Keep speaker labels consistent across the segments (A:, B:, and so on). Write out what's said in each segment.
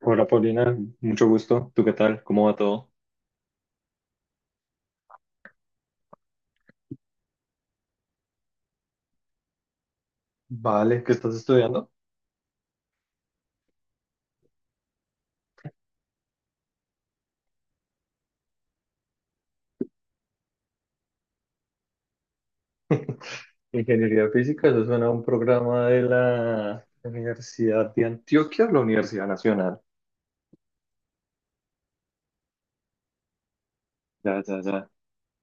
A: Hola Paulina, mucho gusto. ¿Tú qué tal? ¿Cómo va todo? Vale, ¿qué estás estudiando? Ingeniería física, eso suena a un programa de la Universidad de Antioquia, la Universidad Nacional. Ya, ya, ya.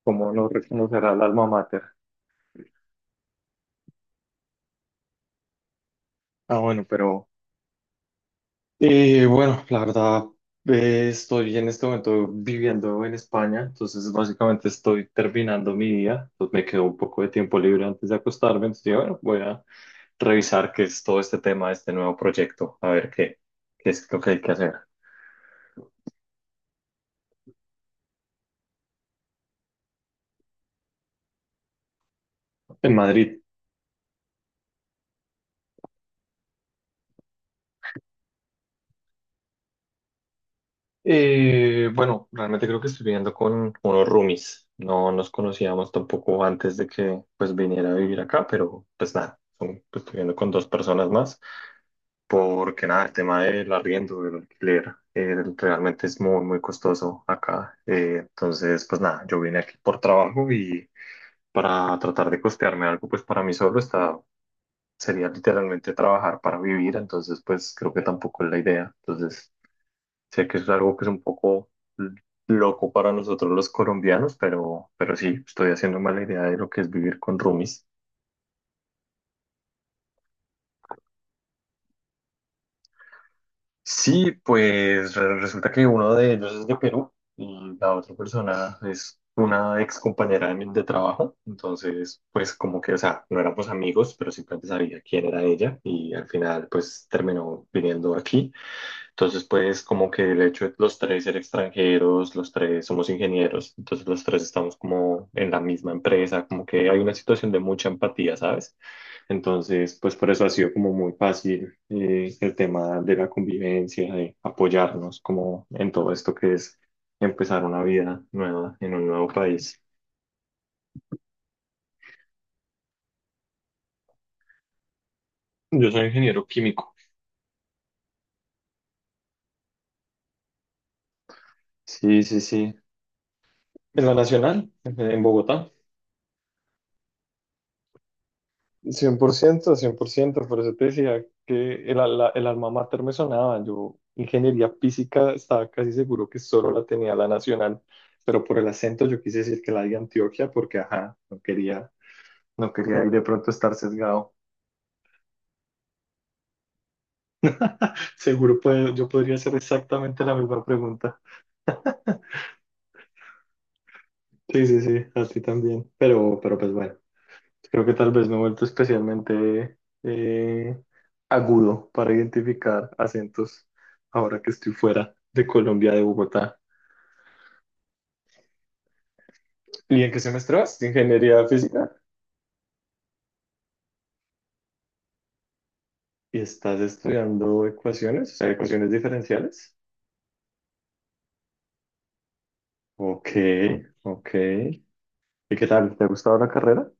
A: ¿Cómo no reconocerá el alma mater? Ah, bueno, pero. Y bueno, la verdad, estoy en este momento viviendo en España, entonces básicamente estoy terminando mi día, entonces me quedó un poco de tiempo libre antes de acostarme, entonces dije, bueno, voy a revisar qué es todo este tema, este nuevo proyecto, a ver qué es lo que hay que hacer. En Madrid. Bueno, realmente creo que estoy viviendo con unos roomies. No nos conocíamos tampoco antes de que pues viniera a vivir acá, pero pues nada, pues, estoy viviendo con dos personas más, porque nada, el tema del arriendo, del alquiler, realmente es muy, muy costoso acá. Entonces, pues nada, yo vine aquí por trabajo y para tratar de costearme algo, pues para mí solo está, sería literalmente trabajar para vivir, entonces pues creo que tampoco es la idea. Entonces. Sé que es algo que es un poco l- loco para nosotros los colombianos, pero, sí, estoy haciendo mala idea de lo que es vivir con roomies. Sí, pues resulta que uno de ellos es de Perú y la otra persona es una ex compañera de trabajo. Entonces, pues como que, o sea, no éramos amigos, pero simplemente sabía quién era ella y al final, pues terminó viniendo aquí. Entonces, pues como que el hecho de los tres ser extranjeros, los tres somos ingenieros, entonces los tres estamos como en la misma empresa, como que hay una situación de mucha empatía, ¿sabes? Entonces, pues por eso ha sido como muy fácil el tema de la convivencia, de apoyarnos como en todo esto que es empezar una vida nueva en un nuevo país. Yo soy ingeniero químico. Sí, sí, sí. En la Nacional, en Bogotá. Cien por ciento 100% por eso te decía que el alma mater me sonaba. Yo, ingeniería física, estaba casi seguro que solo la tenía la nacional, pero por el acento yo quise decir que la de Antioquia porque, ajá, no quería ir de pronto estar sesgado. Seguro puedo, yo podría hacer exactamente la misma pregunta. Sí, sí, sí, a ti también, pero, pues bueno. Creo que tal vez me he vuelto especialmente eh, agudo para identificar acentos ahora que estoy fuera de Colombia, de Bogotá. ¿Y en qué semestre vas? ¿De ingeniería física? ¿Y estás estudiando ecuaciones, o sea, ecuaciones diferenciales? Ok, ok. ¿Y qué tal? ¿Te ha gustado la carrera?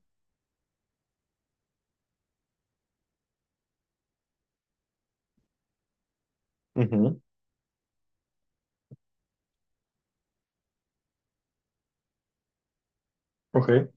A: Ujú. Ok.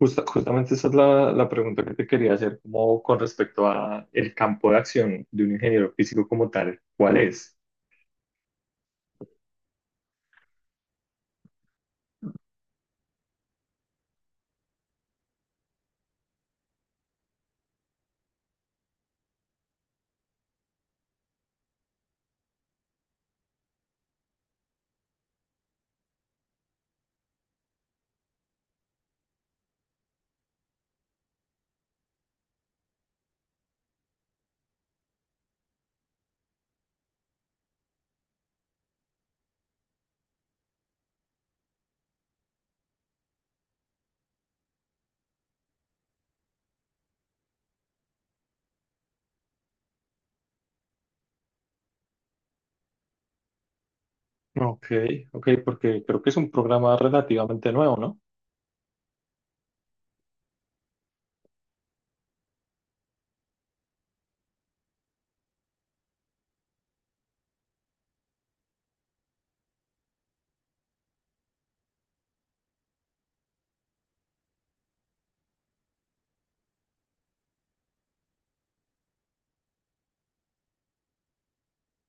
A: Justamente esa es la pregunta que te quería hacer, como con respecto a el campo de acción de un ingeniero físico como tal. ¿Cuál es? Ok, ok, porque creo que es un programa relativamente nuevo, ¿no?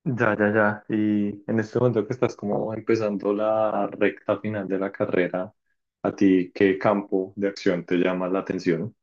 A: Ya, ya, ya. Y en este momento que estás como empezando la recta final de la carrera, ¿a ti qué campo de acción te llama la atención?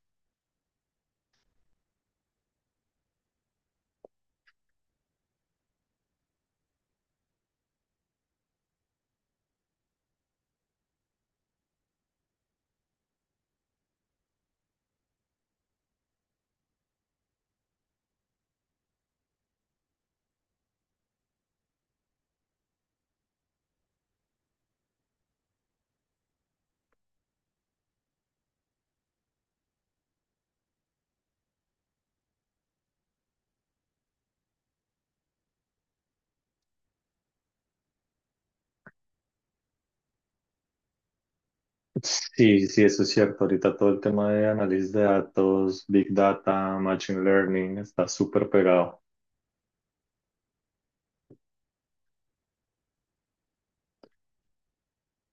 A: Sí, sí, eso es cierto. Ahorita todo el tema de análisis de datos, big data, machine learning está súper pegado.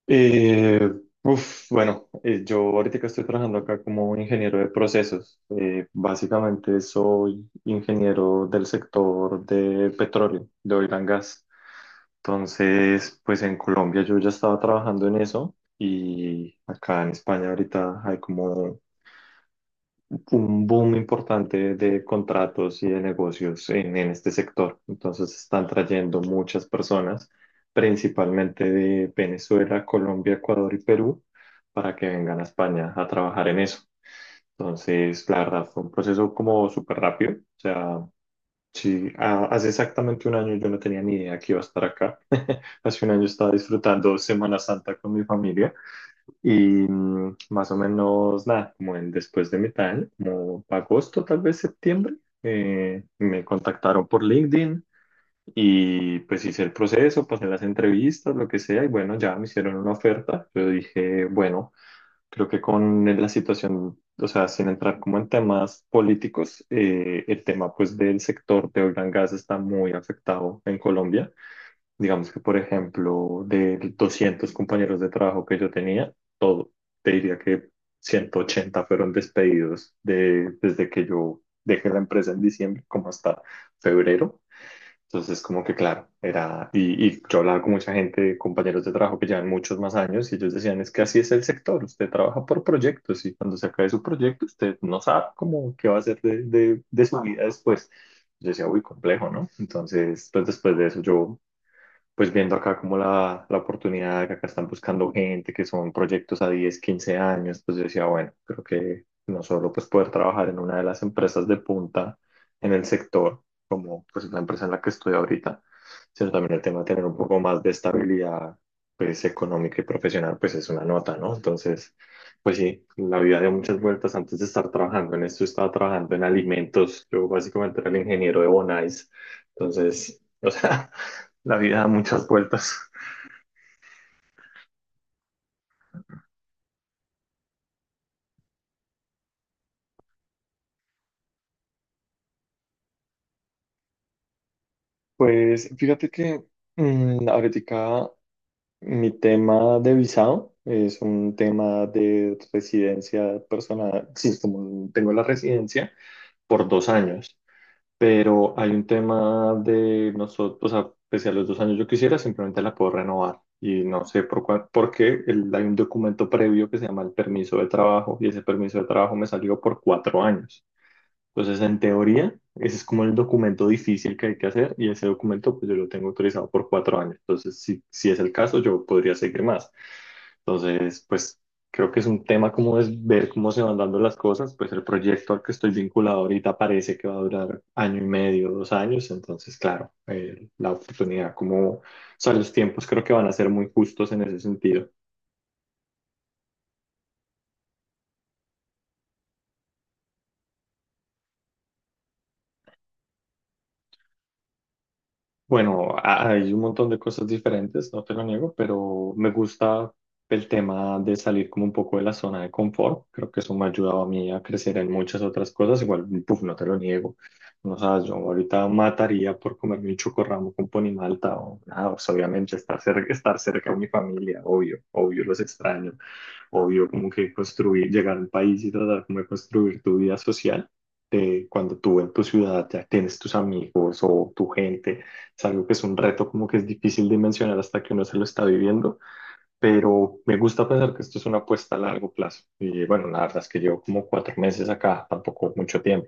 A: Eh, uf, bueno, yo ahorita que estoy trabajando acá como ingeniero de procesos, básicamente soy ingeniero del sector de petróleo, de oil and gas. Entonces, pues en Colombia yo ya estaba trabajando en eso y acá en España ahorita hay como un boom importante de contratos y de negocios en este sector. Entonces están trayendo muchas personas, principalmente de Venezuela, Colombia, Ecuador y Perú, para que vengan a España a trabajar en eso. Entonces, la verdad, fue un proceso como súper rápido. O sea, sí, hace exactamente un año yo no tenía ni idea que iba a estar acá. Hace un año estaba disfrutando Semana Santa con mi familia. Y más o menos, nada, como en después de mitad de año, como agosto, tal vez septiembre, me contactaron por LinkedIn y pues hice el proceso, pasé las entrevistas, lo que sea, y bueno, ya me hicieron una oferta. Yo dije, bueno, creo que con la situación, o sea, sin entrar como en temas políticos, el tema pues del sector de oil and gas está muy afectado en Colombia. Digamos que, por ejemplo, de 200 compañeros de trabajo que yo tenía, te diría que 180 fueron despedidos desde que yo dejé la empresa en diciembre, como hasta febrero. Entonces, como que claro, era, y yo hablaba con mucha gente, compañeros de trabajo que llevan muchos más años, y ellos decían, es que así es el sector, usted trabaja por proyectos, y cuando se acabe su proyecto, usted no sabe cómo, qué va a hacer de su vida después. Yo decía, uy, complejo, ¿no? Entonces, pues después de eso yo pues viendo acá como la oportunidad que acá están buscando gente, que son proyectos a 10 15 años, pues yo decía, bueno, creo que no solo pues poder trabajar en una de las empresas de punta en el sector, como pues la empresa en la que estoy ahorita, sino también el tema de tener un poco más de estabilidad pues económica y profesional, pues es una nota, ¿no? Entonces, pues sí, la vida dio muchas vueltas antes de estar trabajando en esto, estaba trabajando en alimentos, yo básicamente era el ingeniero de Bonais, entonces, o sea. La vida da muchas vueltas. Pues fíjate que ahorita mi tema de visado es un tema de residencia personal. Sí, como tengo la residencia por 2 años, pero hay un tema de nosotros, o sea, pese a los 2 años yo quisiera, simplemente la puedo renovar. Y no sé porque hay un documento previo que se llama el permiso de trabajo y ese permiso de trabajo me salió por 4 años. Entonces, en teoría, ese es como el documento difícil que hay que hacer y ese documento pues yo lo tengo autorizado por 4 años. Entonces, si es el caso, yo podría seguir más. Entonces, pues creo que es un tema como es ver cómo se van dando las cosas. Pues el proyecto al que estoy vinculado ahorita parece que va a durar año y medio, 2 años. Entonces, claro, la oportunidad como, o sea, los tiempos creo que van a ser muy justos en ese sentido. Bueno, hay un montón de cosas diferentes, no te lo niego, pero me gusta el tema de salir como un poco de la zona de confort. Creo que eso me ha ayudado a mí a crecer en muchas otras cosas. Igual, puf, no te lo niego. No sabes, yo ahorita mataría por comerme un chocorramo con ponimalta o nada, pues, obviamente estar cerca de mi familia, obvio, obvio los extraño, obvio como que construir, llegar al país y tratar como de construir tu vida social. De cuando tú en tu ciudad ya tienes tus amigos o tu gente es algo que es un reto como que es difícil de mencionar hasta que uno se lo está viviendo, pero me gusta pensar que esto es una apuesta a largo plazo. Y bueno, la verdad es que llevo como 4 meses acá, tampoco mucho tiempo.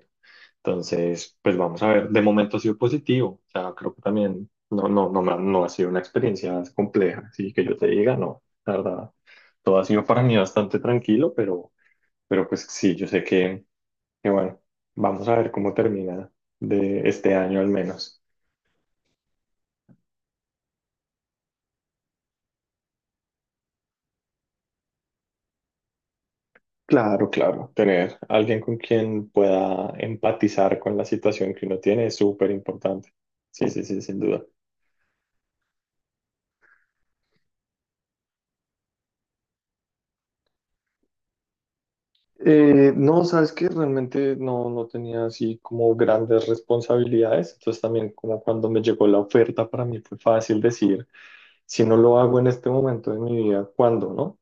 A: Entonces, pues vamos a ver, de momento ha sido positivo, o sea, creo que también no, no, no, no ha sido una experiencia compleja, así que yo te diga, no, la verdad, todo ha sido para mí bastante tranquilo, pero, pues sí, yo sé que bueno, vamos a ver cómo termina de este año al menos. Claro, claro. Tener alguien con quien pueda empatizar con la situación que uno tiene es súper importante. Sí, sí, sí, sin duda. No, sabes que realmente no, no tenía así como grandes responsabilidades. Entonces también como cuando me llegó la oferta para mí fue fácil decir, si no lo hago en este momento de mi vida, ¿cuándo, no?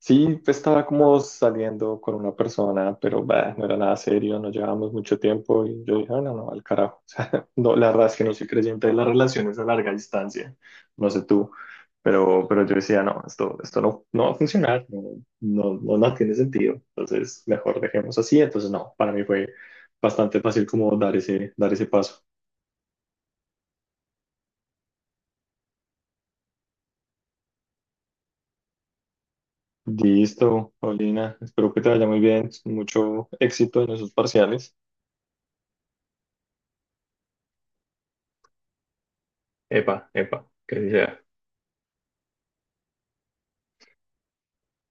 A: Sí, pues, estaba como saliendo con una persona, pero bah, no era nada serio, no llevábamos mucho tiempo y yo dije, "Ah, no, no, al carajo." O sea, no, la verdad es que no soy creyente de las relaciones a larga distancia, no sé tú, pero, yo decía, no, esto no, no va a funcionar, no, no, no, no tiene sentido, entonces mejor dejemos así. Entonces, no, para mí fue bastante fácil como dar ese paso. Listo, Paulina, espero que te vaya muy bien, mucho éxito en esos parciales. Epa, epa, que así sea.